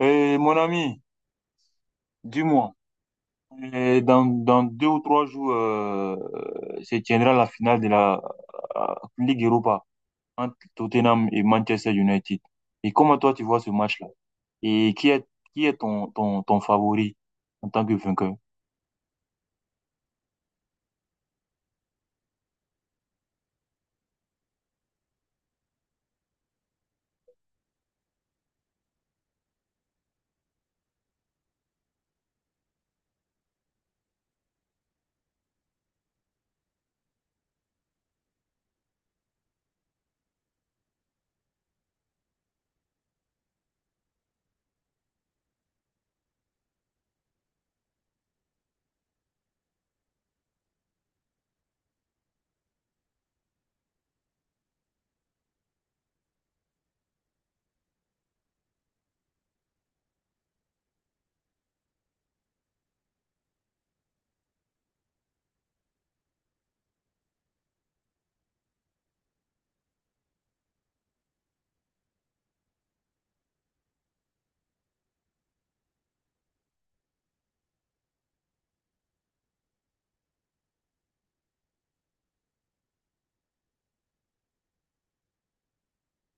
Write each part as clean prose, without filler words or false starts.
Et mon ami, dis-moi, dans deux ou trois jours, se tiendra la finale de la Ligue Europa entre Tottenham et Manchester United. Et comment toi tu vois ce match-là? Et qui est ton favori en tant que vainqueur?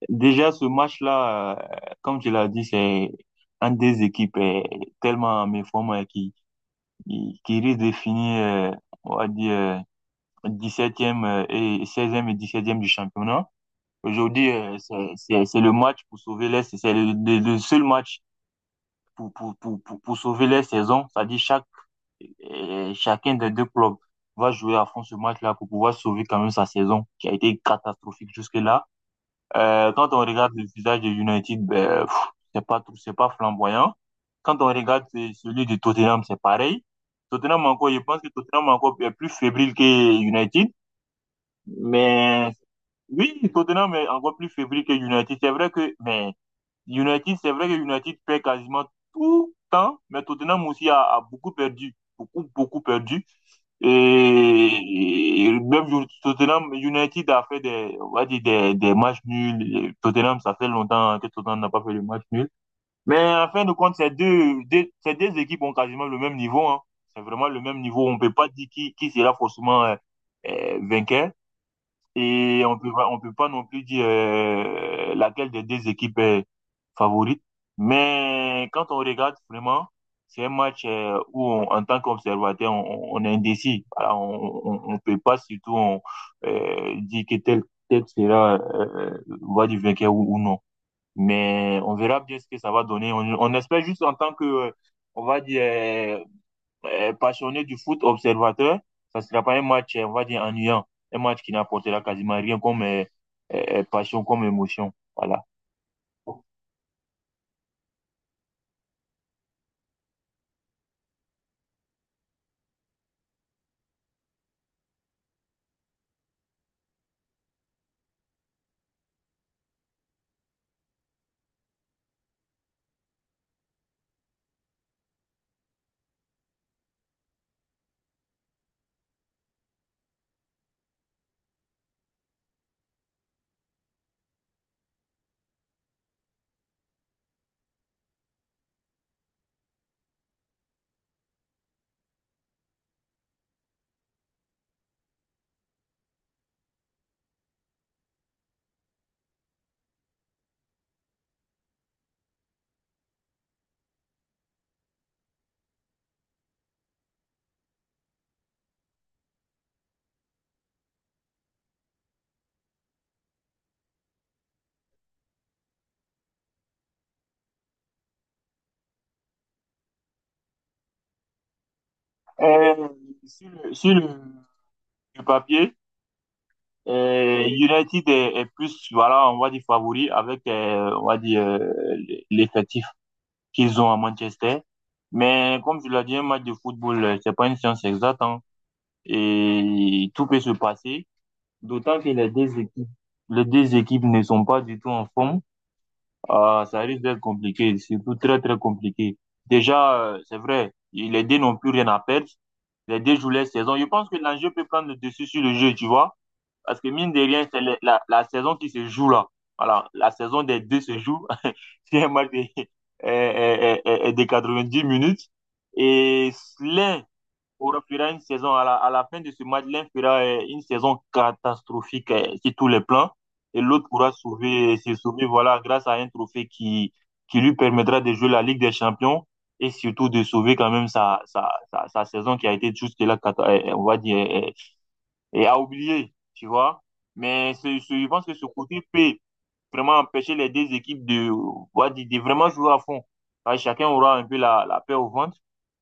Déjà, ce match-là, comme tu l'as dit, c'est un des équipes tellement en méforme qui risque de finir, on va dire, 17e et 16e et 17e du championnat. Aujourd'hui, c'est le match pour sauver les, c'est le seul match pour sauver les saisons. C'est-à-dire chacun des deux clubs va jouer à fond ce match-là pour pouvoir sauver quand même sa saison qui a été catastrophique jusque-là. Quand on regarde le visage de United, ben, pff, c'est pas tout, c'est pas flamboyant. Quand on regarde celui de Tottenham, c'est pareil. Tottenham encore, je pense que Tottenham encore est plus fébrile que United. Mais oui, Tottenham est encore plus fébrile que United. C'est vrai que, mais United, c'est vrai que United perd quasiment tout le temps, mais Tottenham aussi a beaucoup perdu, beaucoup, beaucoup perdu. Et même Tottenham, United a fait des, on va dire des matchs nuls. Et Tottenham, ça fait longtemps que Tottenham n'a pas fait de match nul. Mais en fin de compte, ces deux équipes ont quasiment le même niveau, hein. C'est vraiment le même niveau. On peut pas dire qui sera forcément vainqueur. Et on peut pas non plus dire laquelle des deux équipes est favorite. Mais quand on regarde vraiment, c'est un match où, en tant qu'observateur, on est indécis. Voilà, on peut pas surtout dire que tel sera voix du vainqueur ou non. Mais on verra bien ce que ça va donner. On espère juste en tant que, on va dire, passionné du foot observateur, ça ne sera pas un match, on va dire, ennuyant. Un match qui n'apportera quasiment rien comme passion, comme émotion. Voilà. Euh, sur le papier, United est plus, voilà, on va dire favori avec, on va dire, l'effectif qu'ils ont à Manchester. Mais comme je l'ai dit, un match de football, c'est pas une science exacte, hein. Et tout peut se passer. D'autant que les deux équipes ne sont pas du tout en forme. Ah, ça risque d'être compliqué, surtout très très compliqué. Déjà, c'est vrai, les deux n'ont plus rien à perdre. Les deux jouent leur saison. Je pense que l'enjeu peut prendre le dessus sur le jeu, tu vois. Parce que mine de rien, c'est la saison qui se joue là. Voilà, la saison des deux se joue. C'est un match de 10 minutes. Et l'un fera une saison, à la fin de ce match, l'un fera une saison catastrophique sur tous les plans. Et l'autre pourra sauver, se sauver, voilà, grâce à un trophée qui lui permettra de jouer la Ligue des Champions et surtout de sauver quand même sa saison qui a été jusque-là, on va dire, et à oublier, tu vois. Mais je pense que ce côté peut vraiment empêcher les deux équipes de, on va dire, de vraiment jouer à fond. Parce que chacun aura un peu la paix au ventre.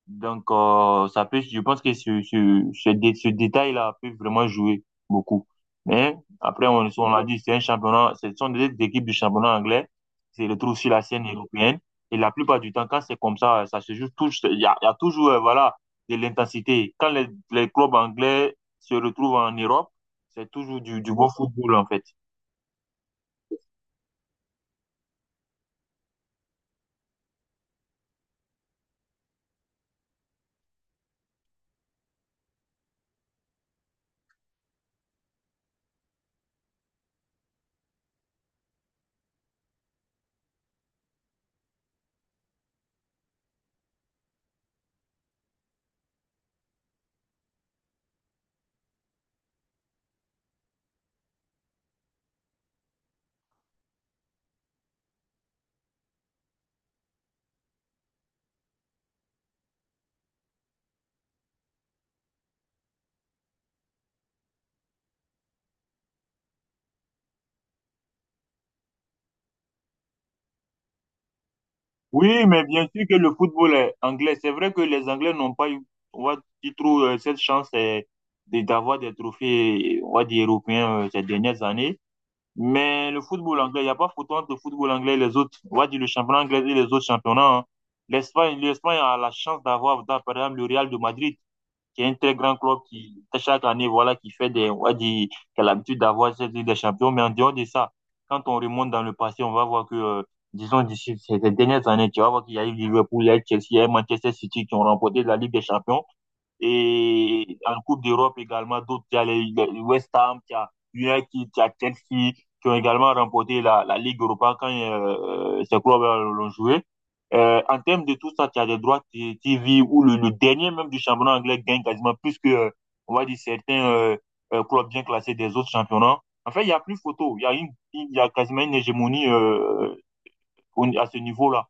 Donc, ça peut, je pense que ce détail-là peut vraiment jouer beaucoup. Mais après, on l'a dit, c'est un championnat, ce sont des équipes du championnat anglais, c'est le retrouve sur la scène européenne. Et la plupart du temps, quand c'est comme ça se joue tout, il y a toujours, voilà, de l'intensité. Quand les clubs anglais se retrouve en Europe, c'est toujours du bon football, en fait. Oui, mais bien sûr que le football est anglais. C'est vrai que les Anglais n'ont pas eu, on va dire, trop, cette chance d'avoir des trophées, on va dire, européens ces dernières années. Mais le football anglais, il n'y a pas photo entre le football anglais et les autres, on va dire, le championnat anglais et les autres championnats. Hein. L'Espagne a la chance d'avoir, par exemple, le Real de Madrid. Qui est un très grand club qui, chaque année, voilà, qui fait des, on va dire, qui a l'habitude d'avoir cette Ligue des Champions. Mais en dehors de ça, quand on remonte dans le passé, on va voir que, disons, d'ici ces dernières années, tu vas voir qu'il y a eu Liverpool, il y a eu Chelsea, il y a eu Manchester City qui ont remporté la Ligue des Champions. Et en Coupe d'Europe également, d'autres, il y a les West Ham, il y a United, il y a Chelsea, qui ont également remporté la Ligue Europa quand ces clubs l'ont joué. En termes de tout ça, il y a des droits TV où le dernier même du championnat anglais gagne quasiment plus que, on va dire, certains clubs bien classés des autres championnats. En fait, il n'y a plus photo. Il y a quasiment une hégémonie à ce niveau-là.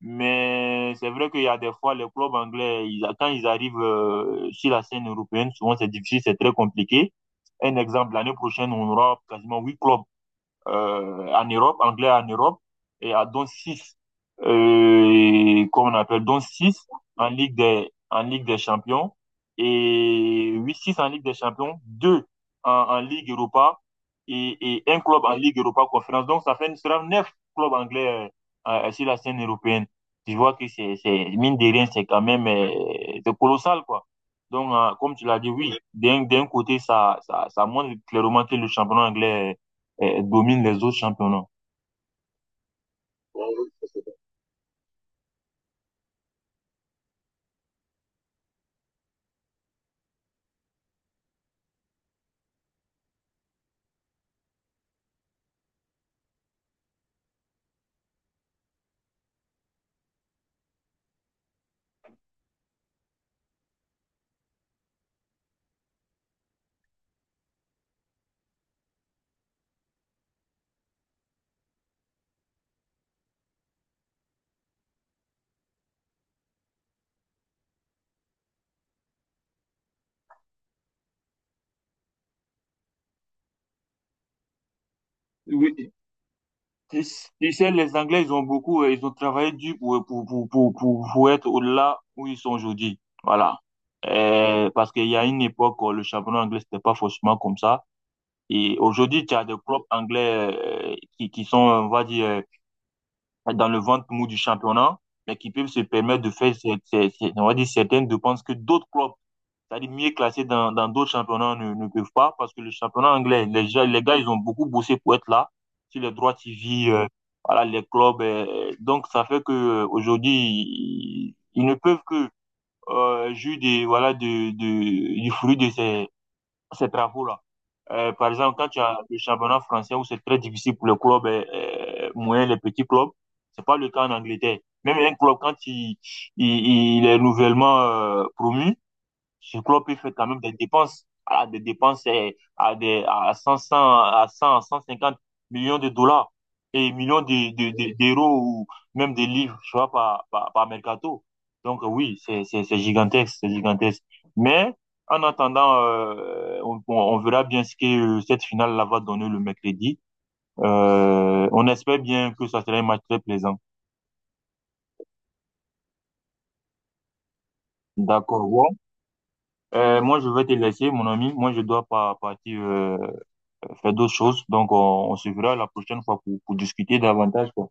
Mais c'est vrai qu'il y a des fois, les clubs anglais, ils, quand ils arrivent sur la scène européenne, souvent c'est difficile, c'est très compliqué. Un exemple, l'année prochaine, on aura quasiment huit clubs en Europe, anglais en Europe, et à dont 6 comment on appelle, dont 6 en Ligue des Champions, et huit six en Ligue des Champions, 2 en Ligue Europa, et un club en Ligue Europa Conférence. Donc, ça fait sera 9 clubs anglais sur la scène européenne. Tu vois que c'est mine de rien, c'est quand même c'est colossal, quoi. Donc, comme tu l'as dit, oui, d'un côté, ça montre clairement que le championnat anglais domine les autres championnats. Oui. Tu sais, les Anglais, ils ont beaucoup, ils ont travaillé dur pour être au delà où ils sont aujourd'hui. Voilà. Parce qu'il y a une époque où le championnat anglais, c'était pas forcément comme ça. Et aujourd'hui, tu as des propres Anglais qui sont, on va dire, dans le ventre mou du championnat, mais qui peuvent se permettre de faire, on va dire, certaines dépenses que d'autres clubs c'est-à-dire mieux classés dans d'autres championnats ne peuvent pas parce que le championnat anglais, les gars, ils ont beaucoup bossé pour être là sur les droits TV, voilà, les clubs. Donc, ça fait que aujourd'hui, ils ne peuvent que jouer des, voilà, du fruit de ces travaux-là. Par exemple, quand tu as le championnat français où c'est très difficile pour les clubs moyens, les petits clubs, c'est pas le cas en Angleterre. Même un club, quand il, il est nouvellement promu, ce club peut faire quand même des dépenses, à des dépenses à des à cent cent cinquante millions de dollars et millions d'euros ou même des livres, tu vois, par mercato. Donc oui, c'est gigantesque, c'est gigantesque. Mais en attendant, on verra bien ce que cette finale-là va donner le mercredi. On espère bien que ça sera un match très plaisant. D'accord, bon. Moi, je vais te laisser, mon ami. Moi, je dois pas partir faire d'autres choses. Donc, on se verra la prochaine fois pour discuter davantage, quoi.